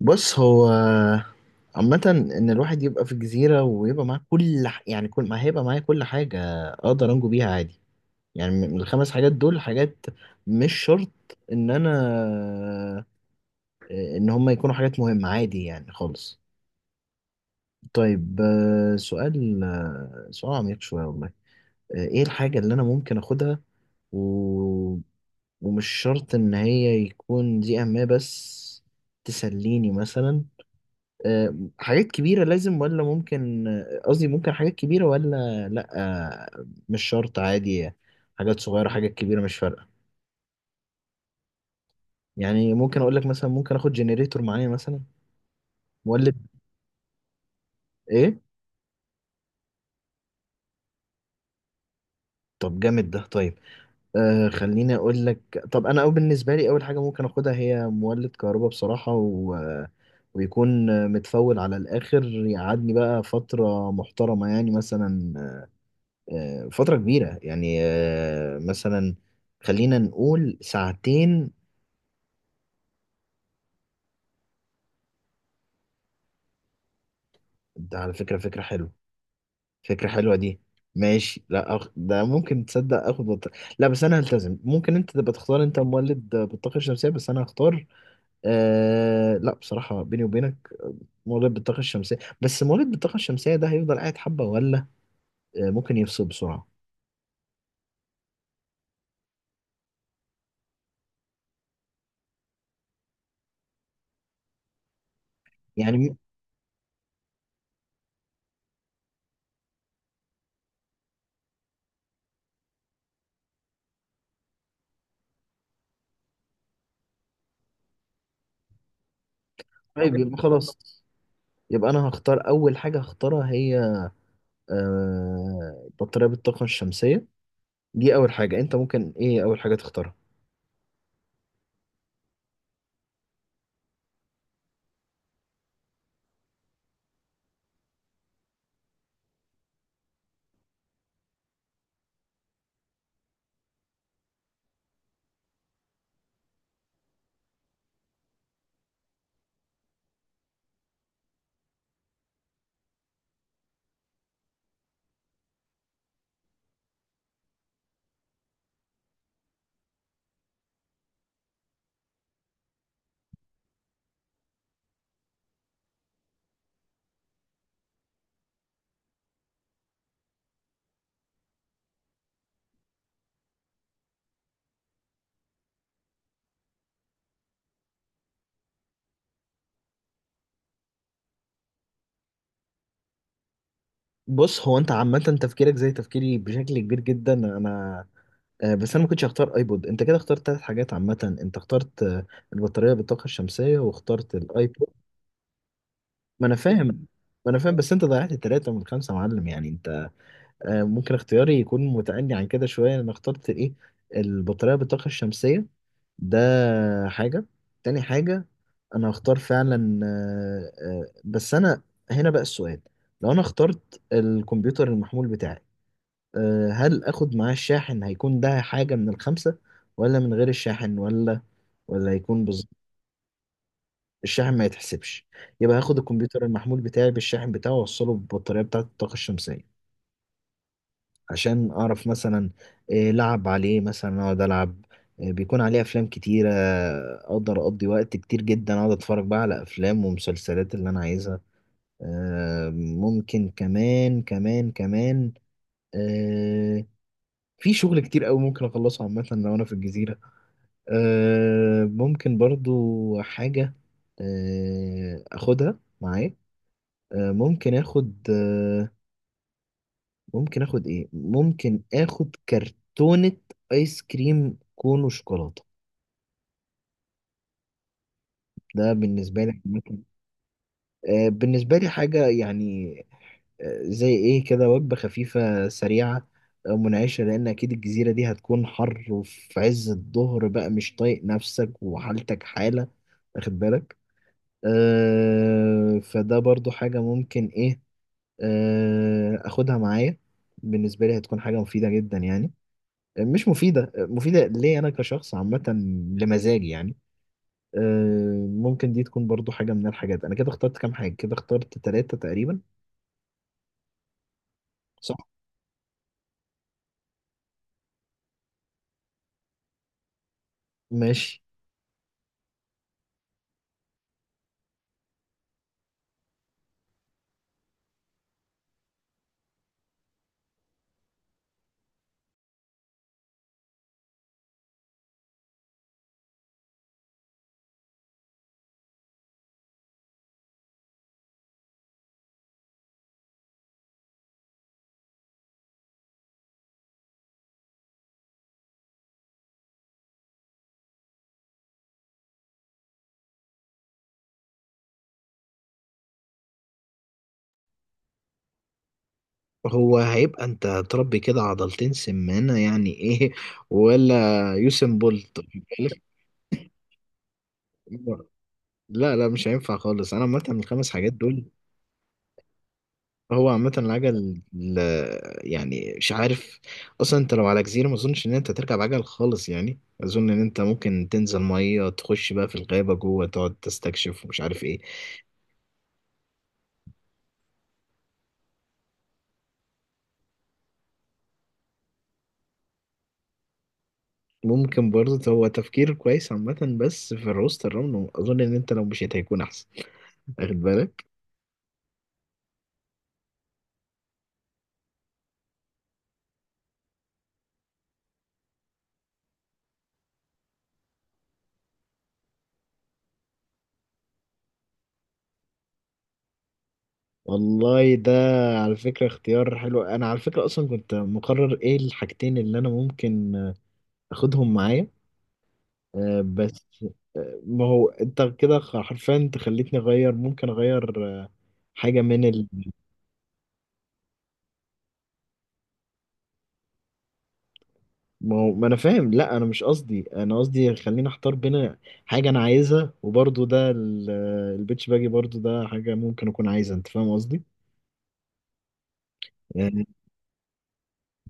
بص هو عامة، إن الواحد يبقى في الجزيرة ويبقى معاه يعني كل ما هيبقى معايا كل حاجة أقدر أنجو بيها عادي. يعني من الخمس حاجات دول، حاجات مش شرط إن أنا، إن هما يكونوا حاجات مهمة، عادي يعني خالص. طيب، سؤال، سؤال عميق شوية والله. إيه الحاجة اللي أنا ممكن أخدها، و... ومش شرط إن هي يكون دي أهمية، بس تسليني مثلا. حاجات كبيرة لازم ولا ممكن، قصدي ممكن حاجات كبيرة ولا لأ. مش شرط، عادي. حاجات صغيرة، حاجات كبيرة، مش فارقة. يعني ممكن أقول لك مثلا، ممكن آخد جنريتور معايا مثلا، مولد. إيه؟ طب جامد ده، طيب. آه، خليني أقول لك، طب أنا أو بالنسبة لي، أول حاجة ممكن آخدها هي مولد كهرباء بصراحة، و... ويكون متفول على الآخر، يقعدني بقى فترة محترمة، يعني مثلا فترة كبيرة يعني، مثلا خلينا نقول ساعتين. ده على فكرة فكرة حلوة، فكرة حلوة دي. ماشي، لا أخ... ده ممكن، تصدق لا، بس انا هلتزم. ممكن انت تبقى تختار انت مولد بالطاقة الشمسية، بس انا هختار. آه... لا، بصراحة بيني وبينك، مولد بالطاقة الشمسية، بس مولد بالطاقة الشمسية ده هيفضل قاعد حبة ولا ممكن يفصل بسرعة؟ يعني طيب، يبقى خلاص، يبقى انا هختار اول حاجة هختارها هي آه... بطارية بالطاقة الشمسية. دي اول حاجه. انت ممكن ايه اول حاجه تختارها؟ بص، هو انت عامه تفكيرك زي تفكيري بشكل كبير جدا، انا بس انا ما كنتش هختار ايبود. انت كده اخترت ثلاث حاجات، عامه انت اخترت البطاريه بالطاقه الشمسيه، واخترت الايبود. ما انا فاهم. ما انا فاهم، بس انت ضيعت ثلاثه من خمسه يا معلم. يعني ممكن اختياري يكون متأني عن كده شوية. أنا اخترت إيه؟ البطارية بالطاقة الشمسية، ده حاجة. تاني حاجة، أنا هختار فعلا بس أنا، هنا بقى السؤال، لو أنا اخترت الكمبيوتر المحمول بتاعي، هل آخد معاه الشاحن؟ هيكون ده حاجة من الخمسة ولا من غير الشاحن، ولا ولا هيكون بالظبط؟ الشاحن ما يتحسبش. يبقى هاخد الكمبيوتر المحمول بتاعي بالشاحن بتاعه، وأوصله بالبطارية بتاعة الطاقة الشمسية، عشان اعرف مثلا إيه، لعب عليه مثلا، اقعد العب إيه، بيكون عليه افلام كتيرة، اقدر اقضي وقت كتير جدا، اقعد اتفرج بقى على افلام ومسلسلات اللي انا عايزها. ممكن كمان كمان كمان آه، في شغل كتير قوي ممكن اخلصه عامة لو انا في الجزيرة. ممكن برضو حاجة اخدها معايا. آه، ممكن اخد آه، ممكن اخد ايه، ممكن اخد كرتونة ايس كريم كون وشوكولاتة. ده بالنسبة لي ممكن، بالنسبة لي حاجة، يعني زي ايه كده، وجبة خفيفة سريعة منعشة، لان اكيد الجزيرة دي هتكون حر، وفي عز الظهر بقى مش طايق نفسك وحالتك حالة، واخد بالك؟ فده برضو حاجة ممكن ايه آه اخدها معايا. بالنسبة لي هتكون حاجة مفيدة جدا، يعني مش مفيدة مفيدة، ليه؟ أنا كشخص عامة، لمزاجي يعني. ممكن دي تكون برضو حاجة من الحاجات. أنا كده اخترت كام حاجة؟ كده اخترت تلاتة تقريبا، صح؟ ماشي. هو هيبقى أنت تربي كده عضلتين سمانة يعني، إيه ولا يوسم بولت؟ لا لا، مش هينفع خالص. أنا عامة الخمس حاجات دول، هو عامة يعني مش عارف، اصلا انت لو على جزيرة ما اظنش ان انت تركب عجل خالص. يعني اظن ان انت ممكن تنزل مية، تخش بقى في الغابة جوه، تقعد تستكشف ومش عارف ايه. ممكن برضه، هو تفكير كويس عامة، بس في الروست الرمل اظن ان انت لو مشيت هيكون احسن، واخد بالك؟ والله ده على فكرة اختيار حلو. انا على فكرة اصلا كنت مقرر ايه الحاجتين اللي انا ممكن اخدهم معايا، بس ما هو انت كده حرفيا انت خليتني اغير، ممكن اغير حاجه من ال... ما هو ما انا فاهم. لا، انا مش قصدي، انا قصدي خليني اختار بين حاجه انا عايزها، وبرضه ده ال- آه، البيتش باجي برضه ده حاجه ممكن اكون عايزها، انت فاهم قصدي؟ يعني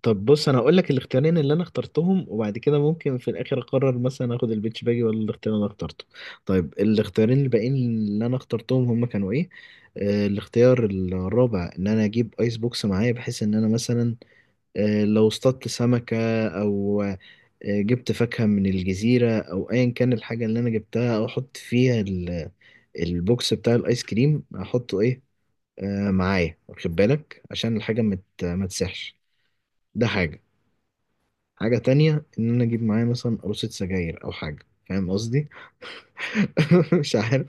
طب بص، انا هقول لك الاختيارين اللي انا اخترتهم، وبعد كده ممكن في الاخر اقرر مثلا اخد البيتش باجي ولا الاختيار اللي انا اخترته. طيب، الاختيارين الباقيين اللي انا اخترتهم هم كانوا ايه؟ الاختيار الرابع ان انا اجيب ايس بوكس معايا، بحيث ان انا مثلا لو اصطدت سمكة او جبت فاكهة من الجزيرة او ايا كان الحاجة اللي انا جبتها، او احط فيها البوكس بتاع الايس كريم، احطه ايه آه معايا، واخد بالك؟ عشان الحاجة ما تسحش. ده حاجة. حاجة تانية، إن أنا أجيب معايا مثلا قروصة سجاير أو حاجة، فاهم قصدي؟ مش عارف.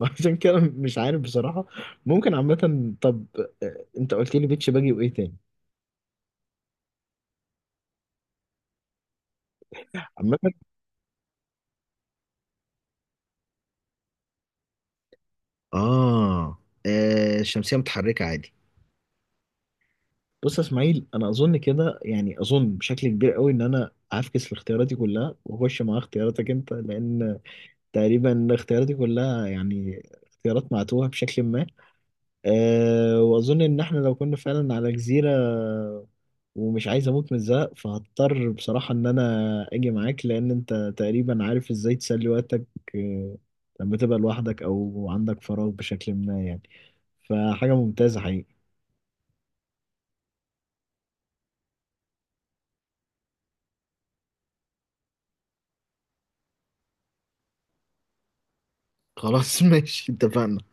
وعشان كده مش عارف بصراحة، ممكن عامة، طب أنت قلت لي بيتش باجي وإيه تاني؟ عامة، آه الشمسية متحركة عادي. بص يا إسماعيل، أنا أظن كده، يعني أظن بشكل كبير قوي إن أنا هفكس في اختياراتي كلها، وأخش مع اختياراتك أنت، لأن تقريبا اختياراتي كلها يعني اختيارات معتوهة بشكل ما. أه، وأظن إن إحنا لو كنا فعلا على جزيرة، ومش عايز أموت من الزهق، فهضطر بصراحة إن أنا أجي معاك، لأن أنت تقريبا عارف إزاي تسلي وقتك. أه، لما تبقى لوحدك أو عندك فراغ بشكل ما، يعني فحاجة ممتازة حقيقي. خلاص، ماشي، اتفقنا.